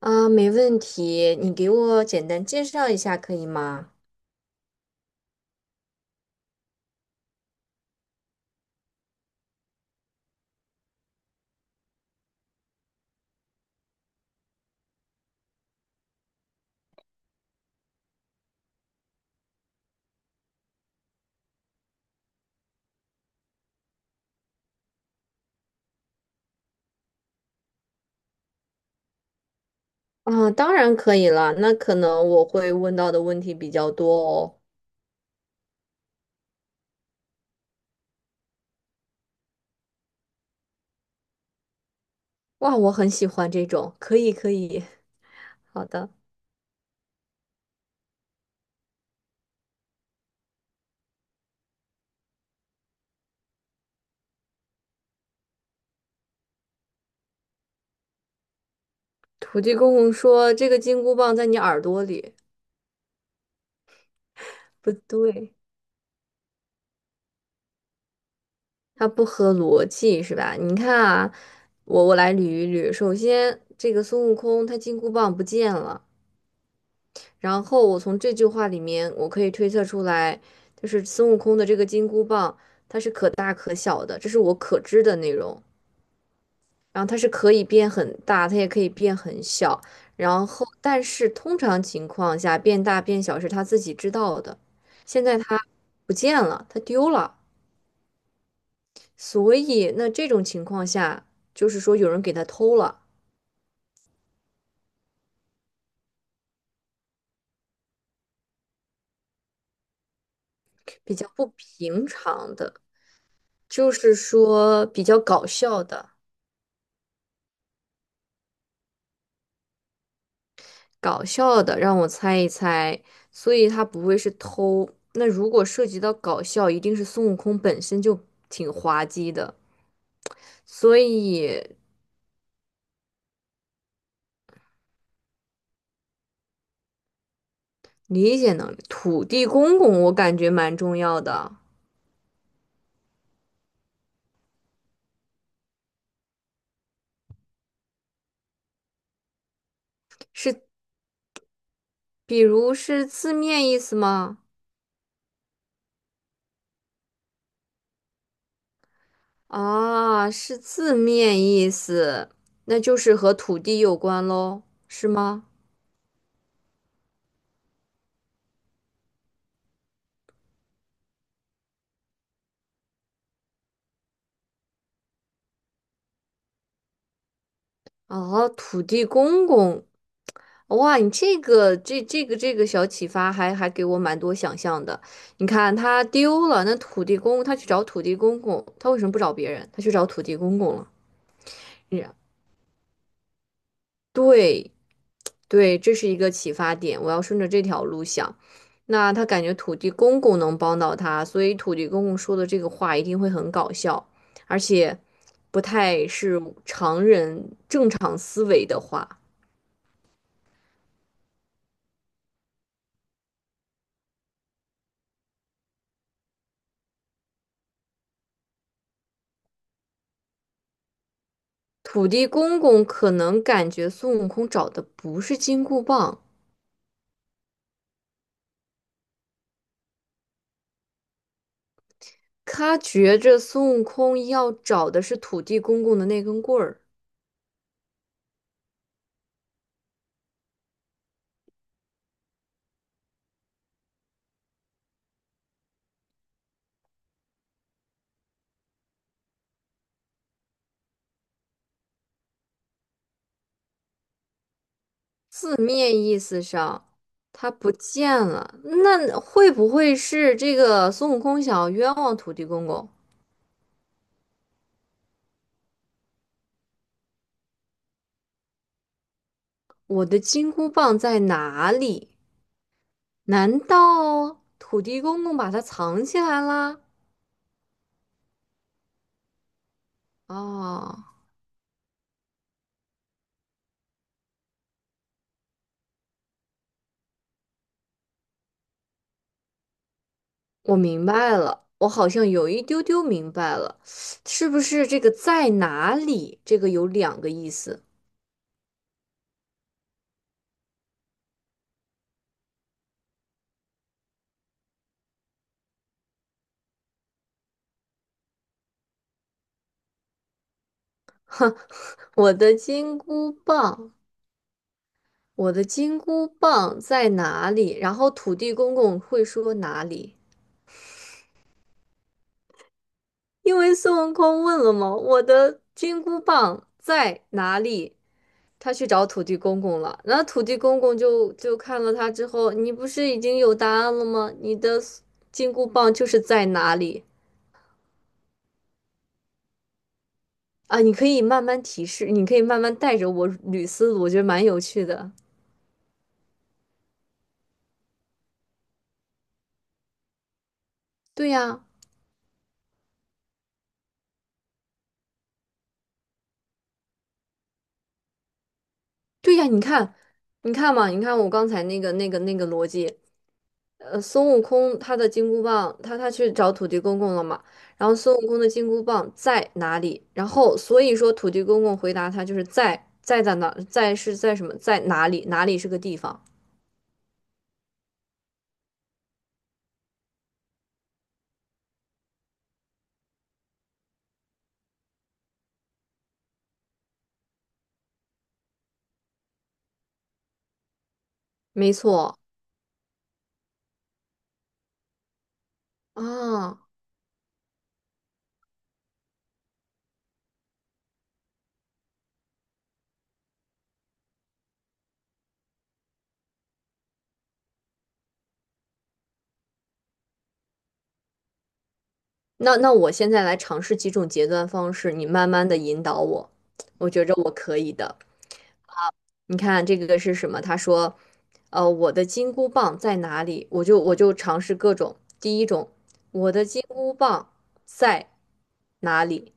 啊，没问题，你给我简单介绍一下可以吗？啊，当然可以了，那可能我会问到的问题比较多哦。哇，我很喜欢这种，可以可以，好的。土地公公说这个金箍棒在你耳朵里，不对，它不合逻辑是吧？你看啊，我来捋一捋，首先这个孙悟空他金箍棒不见了。然后我从这句话里面，我可以推测出来，就是孙悟空的这个金箍棒，它是可大可小的，这是我可知的内容。然后它是可以变很大，它也可以变很小。然后，但是通常情况下，变大变小是他自己知道的。现在他不见了，他丢了，所以那这种情况下，就是说有人给他偷了，比较不平常的，就是说比较搞笑的。搞笑的，让我猜一猜，所以他不会是偷。那如果涉及到搞笑，一定是孙悟空本身就挺滑稽的，所以理解能力，土地公公我感觉蛮重要的，是比如是字面意思吗？啊，是字面意思，那就是和土地有关喽，是吗？哦，土地公公，哇，你这个这个小启发还给我蛮多想象的。你看他丢了，那土地公他去找土地公公，他为什么不找别人？他去找土地公公了。是啊，对对，这是一个启发点，我要顺着这条路想。那他感觉土地公公能帮到他，所以土地公公说的这个话一定会很搞笑，而且不太是常人正常思维的话。土地公公可能感觉孙悟空找的不是金箍棒，他觉着孙悟空要找的是土地公公的那根棍儿。字面意思上，他不见了，那会不会是这个孙悟空想要冤枉土地公公？我的金箍棒在哪里？难道土地公公把它藏起来啦？啊、我明白了，我好像有一丢丢明白了，是不是这个在哪里？这个有两个意思。哼，我的金箍棒，我的金箍棒在哪里？然后土地公公会说哪里？因为孙悟空问了嘛，我的金箍棒在哪里？他去找土地公公了，然后土地公公就看了他之后，你不是已经有答案了吗？你的金箍棒就是在哪里？啊，你可以慢慢提示，你可以慢慢带着我捋思路，我觉得蛮有趣的。对呀，对呀，你看，你看嘛，你看我刚才那个逻辑，孙悟空他的金箍棒，他去找土地公公了嘛，然后孙悟空的金箍棒在哪里？然后所以说土地公公回答他就是在在在哪在是在什么在哪里哪里是个地方，没错啊。那那我现在来尝试几种截断方式，你慢慢的引导我，我觉着我可以的。你看这个是什么？他说，我的金箍棒在哪里？我就尝试各种。第一种，我的金箍棒在哪里？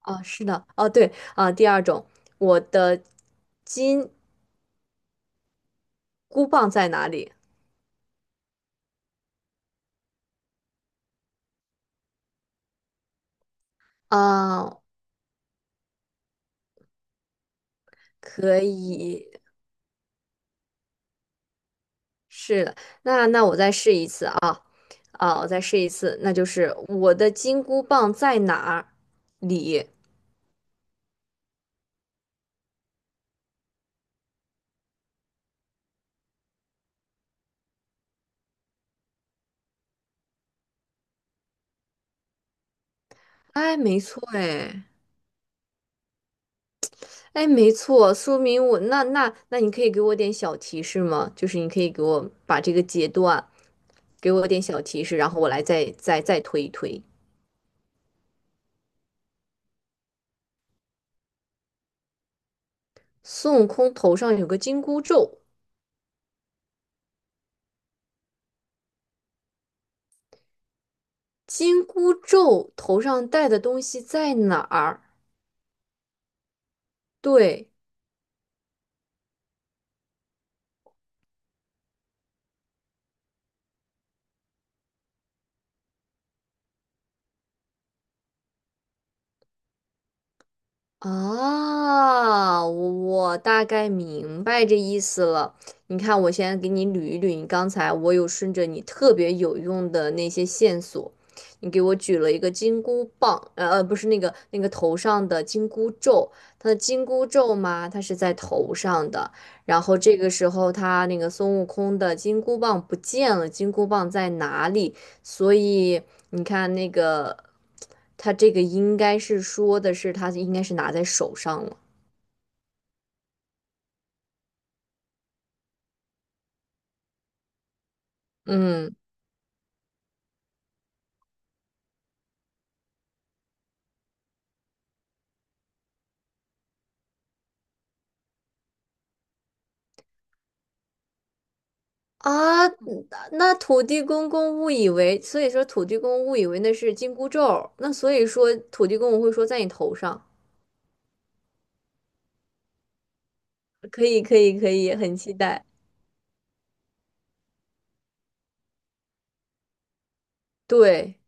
啊，是的，哦，对啊。第二种，我的金箍棒在哪里？啊，可以，是的。那我再试一次啊，啊，我再试一次，那就是我的金箍棒在哪里？哎，没错，哎。哎，没错，说明我那你可以给我点小提示吗？就是你可以给我把这个阶段给我点小提示，然后我来再推一推。孙悟空头上有个金箍咒，金箍咒头上戴的东西在哪儿？对，啊，我大概明白这意思了。你看，我先给你捋一捋，你刚才我有顺着你特别有用的那些线索，你给我举了一个金箍棒，不是那个头上的金箍咒，它的金箍咒嘛，它是在头上的。然后这个时候，他那个孙悟空的金箍棒不见了，金箍棒在哪里？所以你看那个，他这个应该是说的是他应该是拿在手上了。嗯啊，那土地公公误以为，所以说土地公误以为那是紧箍咒，那所以说土地公我会说在你头上，可以可以可以，很期待。对，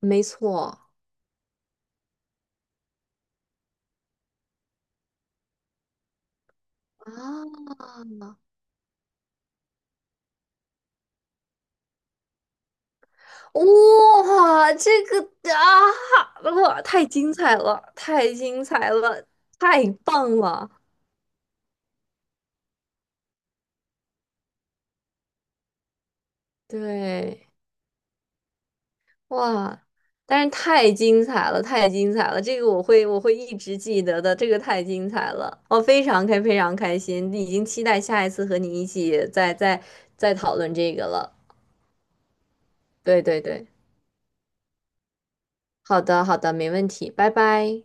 没错。啊，这个啊，哇，太精彩了，太精彩了，太棒了！对。哇，但是太精彩了，太精彩了！这个我会，我会一直记得的。这个太精彩了，我非常开，非常开心，已经期待下一次和你一起再讨论这个了。对对对，好的好的，没问题，拜拜。